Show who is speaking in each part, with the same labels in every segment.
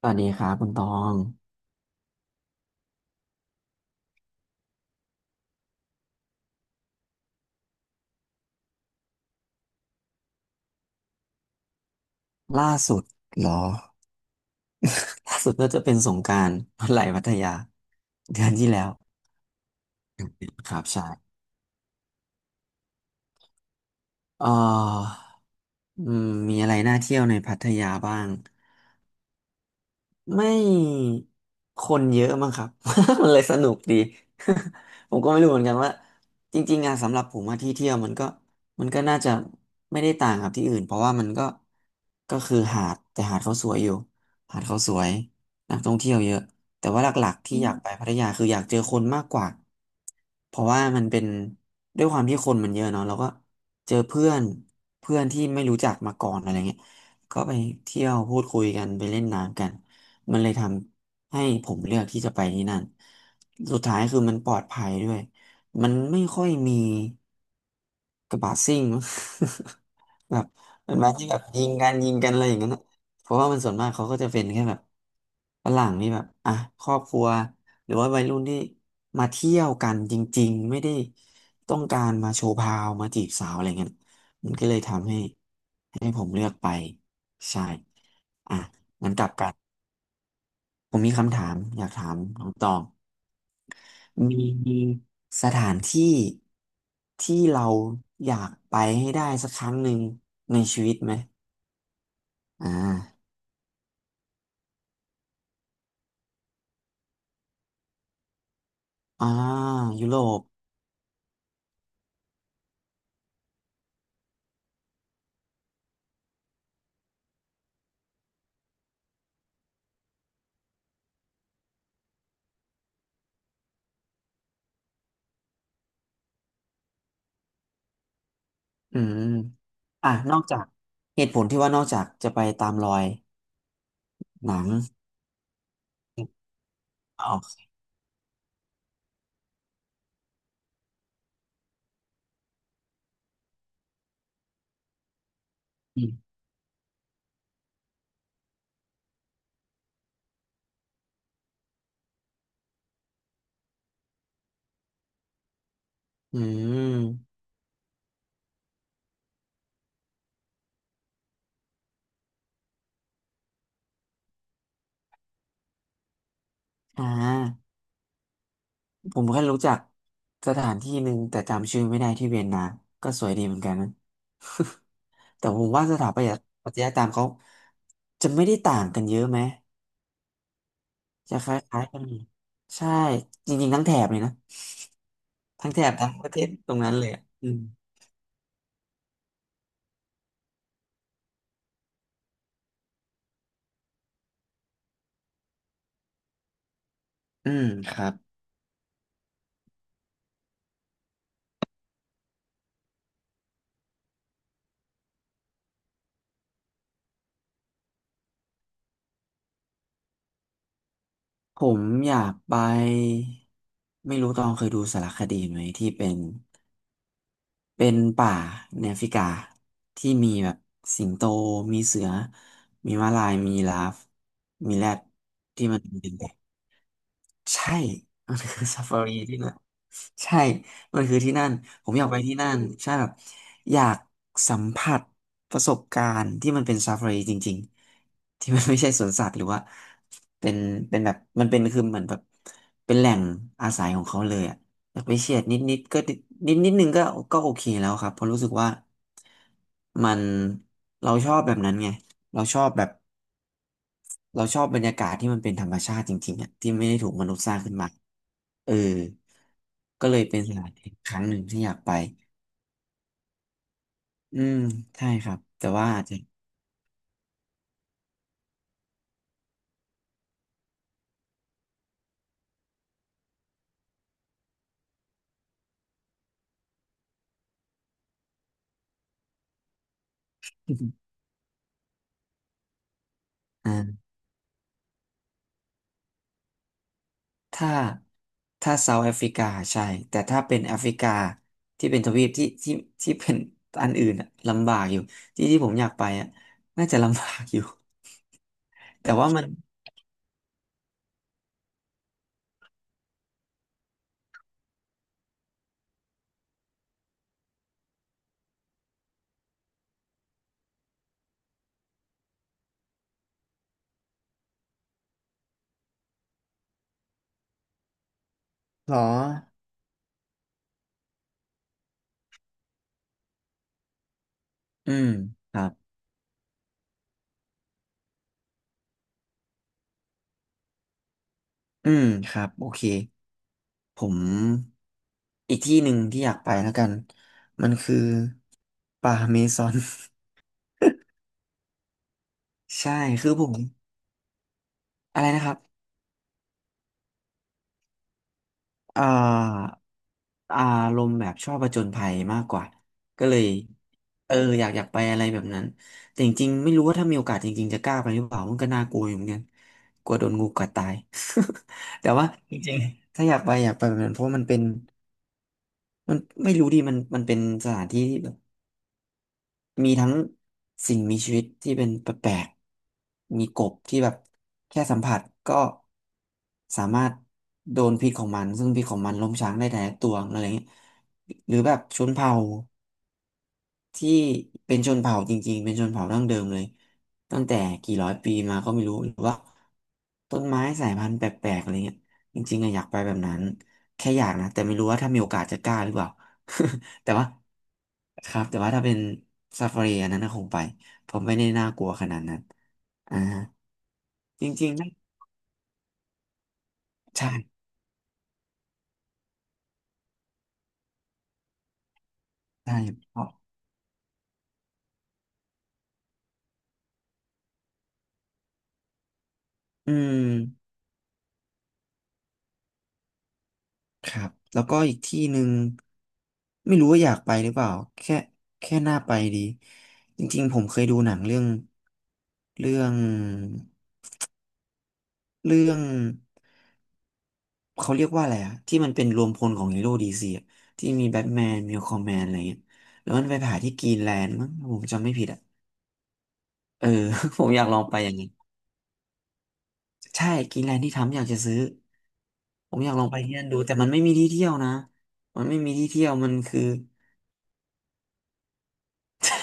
Speaker 1: สวัสดีครับคุณตองล่าสุดเหรอล่าสุดน่าจะเป็นสงกรานต์ วันไหลพัทยาเดือนที่แล้วครับใช่เอ่ออืมมีอะไรน่าเที่ยวในพัทยาบ้าง ไม่คนเยอะมั้งครับ มันเลยสนุกดี ผมก็ไม่รู้เหมือนกันว่าจริงๆอะสำหรับผมอะที่เที่ยวมันก็น่าจะไม่ได้ต่างกับที่อื่นเพราะว่ามันก็ก็คือหาดแต่หาดเขาสวยอยู่หาดเขาสวยนักท่องเที่ยวเยอะแต่ว่าหลักๆที่อือยามกมไปพัทยาคืออยากเจอคนมากกว่าเพราะว่ามันเป็นด้วยความที่คนมันเยอะเนาะเราก็เจอเพื่อนเพื่อนที่ไม่รู้จักมาก่อนอะไรเงี้ยก็ไปเที่ยวพูดคุยกันไปเล่นน้ำกัน มันเลยทำให้ผมเลือกที่จะไปที่นั่น สุดท้ายคือมันปลอดภัยด้วย มันไม่ค่อยมีกระบะซิ่ง แบบเป็นแบาที่แบบยิงกันยิงกันอะไรอย่างนั้นน่ะเพราะว่ามันส่วนมากเขาก็จะเป็นแค่แบบฝรั่งนี่แบบอ่ะครอบครัวหรือว่าวัยรุ่นที่มาเที่ยวกันจริงๆไม่ได้ต้องการมาโชว์พาวมาจีบสาวอะไรเงี้ยมันก็เลยทำให้ผมเลือกไปใช่อ่ะงั้นกลับกัน ผมมีคำถามอยากถามน้องตองมีมีสถานที่ที่เราอยากไปให้ได้สักครั้งหนึ่งในชีวิตไหมอ่าอ่ายุโรปอืมอ่ะนอกจากเหตุผลที่ว่านอกจากจะไปตามรอยหนังออกอืมอืมอ่าผมแค่รู้จักสถานที่หนึ่งแต่จำชื่อไม่ได้ที่เวียนนาก็สวยดีเหมือนกันนะ แต่ผมว่าสถาปัตยปรัตยกรรมเขาจะไม่ได้ต่างกันเยอะไหมจะคล้ายๆกันอยู่ใช่จริงๆทั้งแถบเลยนะทั้งแถบทั้งประเทศตรงนั้นเลยอะอืมอืมครับผมอยากไปไม่รู้ตองเคยดูสารคดีไหมที่เป็นป่าในแอฟริกาที่มีแบบสิงโตมีเสือมีม้าลายมียีราฟมีแรดที่มันเป็นแบบใช่มันคือ ซาฟารีที่นั่น ใช่ มันคือที่นั่น ผมอยากไปที่นั่นใช่แบบอยากสัมผัสประสบการณ์ที่มันเป็นซาฟารีจริงๆ ที่มันไม่ใช่สวนสัตว์หรือว่าเป็นแบบมันเป็นคือเหมือนแบบเป็นแหล่งอาศัยของเขาเลยอะอยากไปเฉียดนิดนิดก็นิดนิดนึงก็ก็โอเคแล้วครับเพราะรู้สึกว่ามันเราชอบแบบนั้นไงเราชอบแบบ เราชอบบรรยากาศที่มันเป็นธรรมชาติจริงๆอ่ะที่ไม่ได้ถูกมนุษย์สร้างขึ้นมาเออก็เลยเป็นสถานที่ครั้งหนึ่งที่อยากไปอืมใช่ครับ แต่ว่าอาจจะ อ่าถ้าเซาท์แอฟริกาใช่ แต่ถ้าเป็นแอฟริกาที่เป็นทวีปที่ที่เป็นอันอื่นอะลำบากอยู่ที่ที่ผมอยากไปอะน่าจะลำบากอยู่ แต่ว่ามันหรอ อืมครับ อืมครับ โอเค ผมอีกที่หนึ่งที่อยากไปแล้วกันมันคือป่าเมซอน ใช่คือผมอะไรนะครับเอ่าอารมณ์แบบชอบผจญภัยมากกว่าก็เลยเอออยากอยากไปอะไรแบบนั้นแต่จริงๆไม่รู้ว่าถ้ามีโอกาสจริงๆจะกล้าไปหรือเปล่ามันก็น่ากลัวอยู่เหมือนกันกลัวโดนงูกัดตาย แต่ว่าจริงๆถ้าอยากไปอยากไปแบบนั้นเพราะมันเป็นมันไม่รู้ดิมันเป็นสถานที่ มีทั้งสิ่งมีชีวิตที่เป็นแปลกๆมีกบที่แบบแค่สัมผัสก็สามารถโดนพิษของมันซึ่งพิษของมันล้มช้างได้แต่ละตัวอะไรเงี้ยหรือแบบชนเผ่า ที่เป็นชนเผ่าจริงๆ เป็นชนเผ่าดั้งเดิมเลยตั้งแต่กี่ร้อยปีมาก็ไม่รู้หรือว่าต้นไม้สายพันธุ์แปลกๆอะไรเงี้ยจริงๆอะอยากไปแบบนั้นแค่อยากนะแต่ไม่รู้ว่าถ้ามีโอกาสจะกล้าหรือเปล่า แต่ว่าครับแต่ว่าถ้าเป็นซาฟารีอันนั้นน่ะคงไปผมไม่ได้น่ากลัวขนาดนั้นอ่าจริงๆนะใช่ใช่อืม ครับแล้วก็อีกที่หนึ่งไม่รู้ว่าอยากไปหรือเปล่าแค่น่าไปดีจริงๆผมเคยดูหนังเรื่องเรื่องเรื่องเขาเรียกว่าอะไรอะที่มันเป็นรวมพลของฮีโร่ดีซีที่มีแบทแมนมีคอมแมนอะไรเงี้ยแล้วมันไปผ่าที่กรีนแลนด์มั้งาผมจำไม่ผิดอะเออ ผมอยากลองไปอย่างนี้นใช่กรีนแลนด์ที่ทำอยากจะซื้อผมอยากลองไปที่นั่นดูแต่มันไม่มีที่เที่ยวนะมันไม่มีที่เที่ยวมันคือ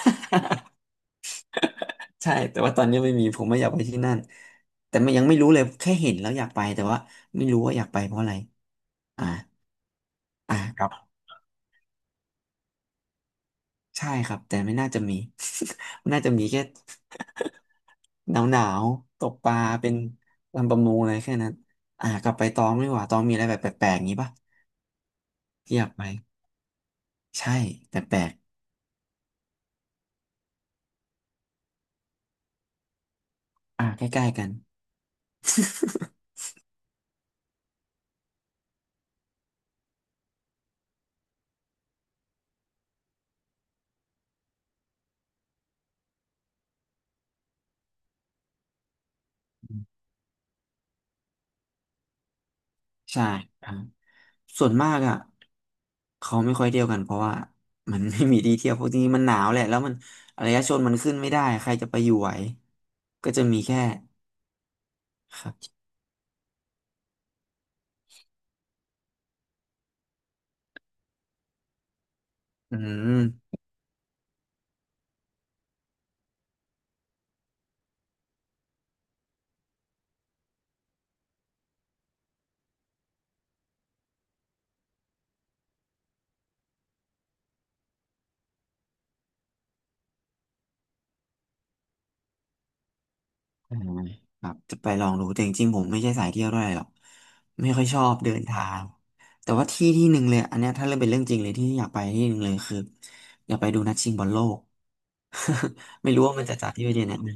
Speaker 1: ใช่แต่ว่าตอนนี้ไม่มีผมไม่อยากไปที่นั่นแต่มันยังไม่รู้เลยแค่เห็นแล้วอยากไปแต่ว่าไม่รู้ว่าอยากไปเพราะอะไรอ่าอ่าครับใช่ครับแต่ไม่น่าจะมี มันน่าจะมีแค่หนาวหนาวตกปลาเป็นลำประมงอะไรแค่นั้นอ่ากลับไปตองดี่ว่าตองมีอะไรแบบแปลกๆอย่างนี้ปะที่อยากไปใช่แปลกๆอ่าใกล้ๆกัน ใช่ครับส่วนมากอ่ะเขาไม่ค่อยเที่ยวกันเพราะว่ามันไม่มีที่เที่ยวเพราะจริงๆมันหนาวแหละแล้วมันอารยชนมันขึ้นไม่ได้ใครจะไปอยู่ไหวก็จะมีแค่ครับอืมอ่าครับจะไปลองดูแต่จริงๆผมไม่ใช่สายเที่ยวด้วยหรอกไม่ค่อยชอบเดินทางแต่ว่าที่ที่หนึ่งเลยอันเนี้ยถ้าเริ่มเป็นเรื่องจริงเลยที่อยากไปที่หนึ่งเลยคืออยากไปดูนัดชิงบอลโลก ไม่รู้ว่ามันจะจัดที่ประเทศไหนนะ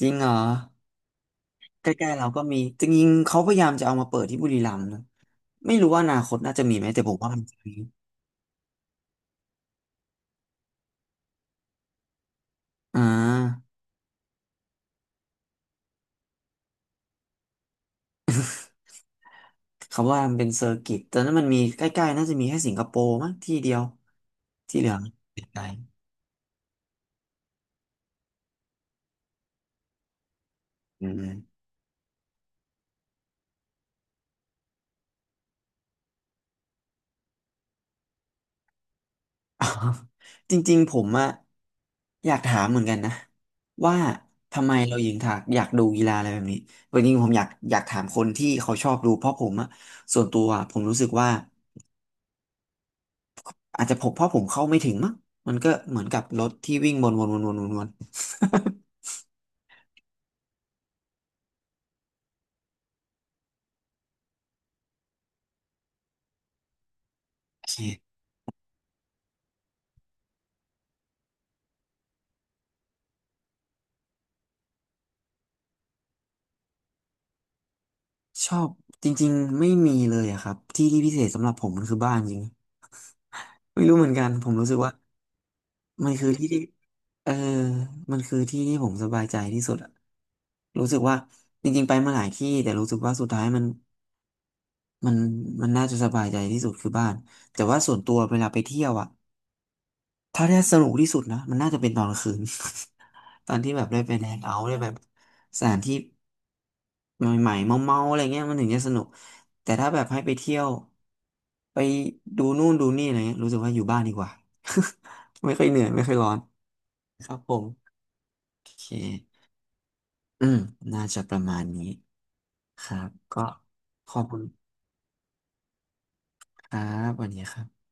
Speaker 1: จริงเหรอ ใกล้ๆเราก็มีจริงๆเขาพยายามจะเอามาเปิดที่บุรีรัมย์นะไม่รู้ว่าอนาคตน่าจะมีไหมแต่ผมว่ามันจะมีอ่าเขาว่ามันเป็นเซอร์กิตแต่นั้นมันมีใกล้ๆน่าจะมีแค่สิงคโปร์มั้งที่เดียวที่เหลือ ไม่ไกลอืมอ๋อจริงๆผมอะอยากถามเหมือนกันนะว่าทำไมเรายิงถากอยากดูกีฬาอะไรแบบนี้จริงๆผมอยากถามคนที่เขาชอบดูเพราะผมอะส่วนตัวอะผมรู้สึกว่า อาจจะผมเพราะผมเข้าไม่ถึงมั้งมันก็เหมือนกับรถที่วิ่งวนวนวนวนวนวน โอเคชอบจริงๆไม่มีเลยอะครับที่ที่พิเศษสำหรับผมมันคือบ้านจริงไม่รู้เหมือนกันผมรู้สึกว่ามันคือที่ที่เออมันคือที่ที่ผมสบายใจที่สุดอะรู้สึกว่าจริงๆไปมาหลายที่แต่รู้สึกว่าสุดท้ายมันมันน่าจะสบายใจที่สุดคือบ้านแต่ว่าส่วนตัวเวลาไปเที่ยวอะถ้าได้สนุกที่สุดนะมันน่าจะเป็นตอนกลางคืน ตอนที่แบบได้ไปแดงเอาท์ได้แบบสถานที่ใหม่ๆเมาๆอะไรเงี้ยมันถึงจะสนุกแต่ถ้าแบบให้ไปเที่ยวไปดูนู่นดูนี่อะไรเงี้ยรู้สึกว่าอยู่บ้านดีกว่า ไม่ค่อยเหนื่อยไม่ค่อยร้อนครับผมโอเคอืมน่าจะประมาณนี้ครับก็ขอบคุณครับวันนี้ครับ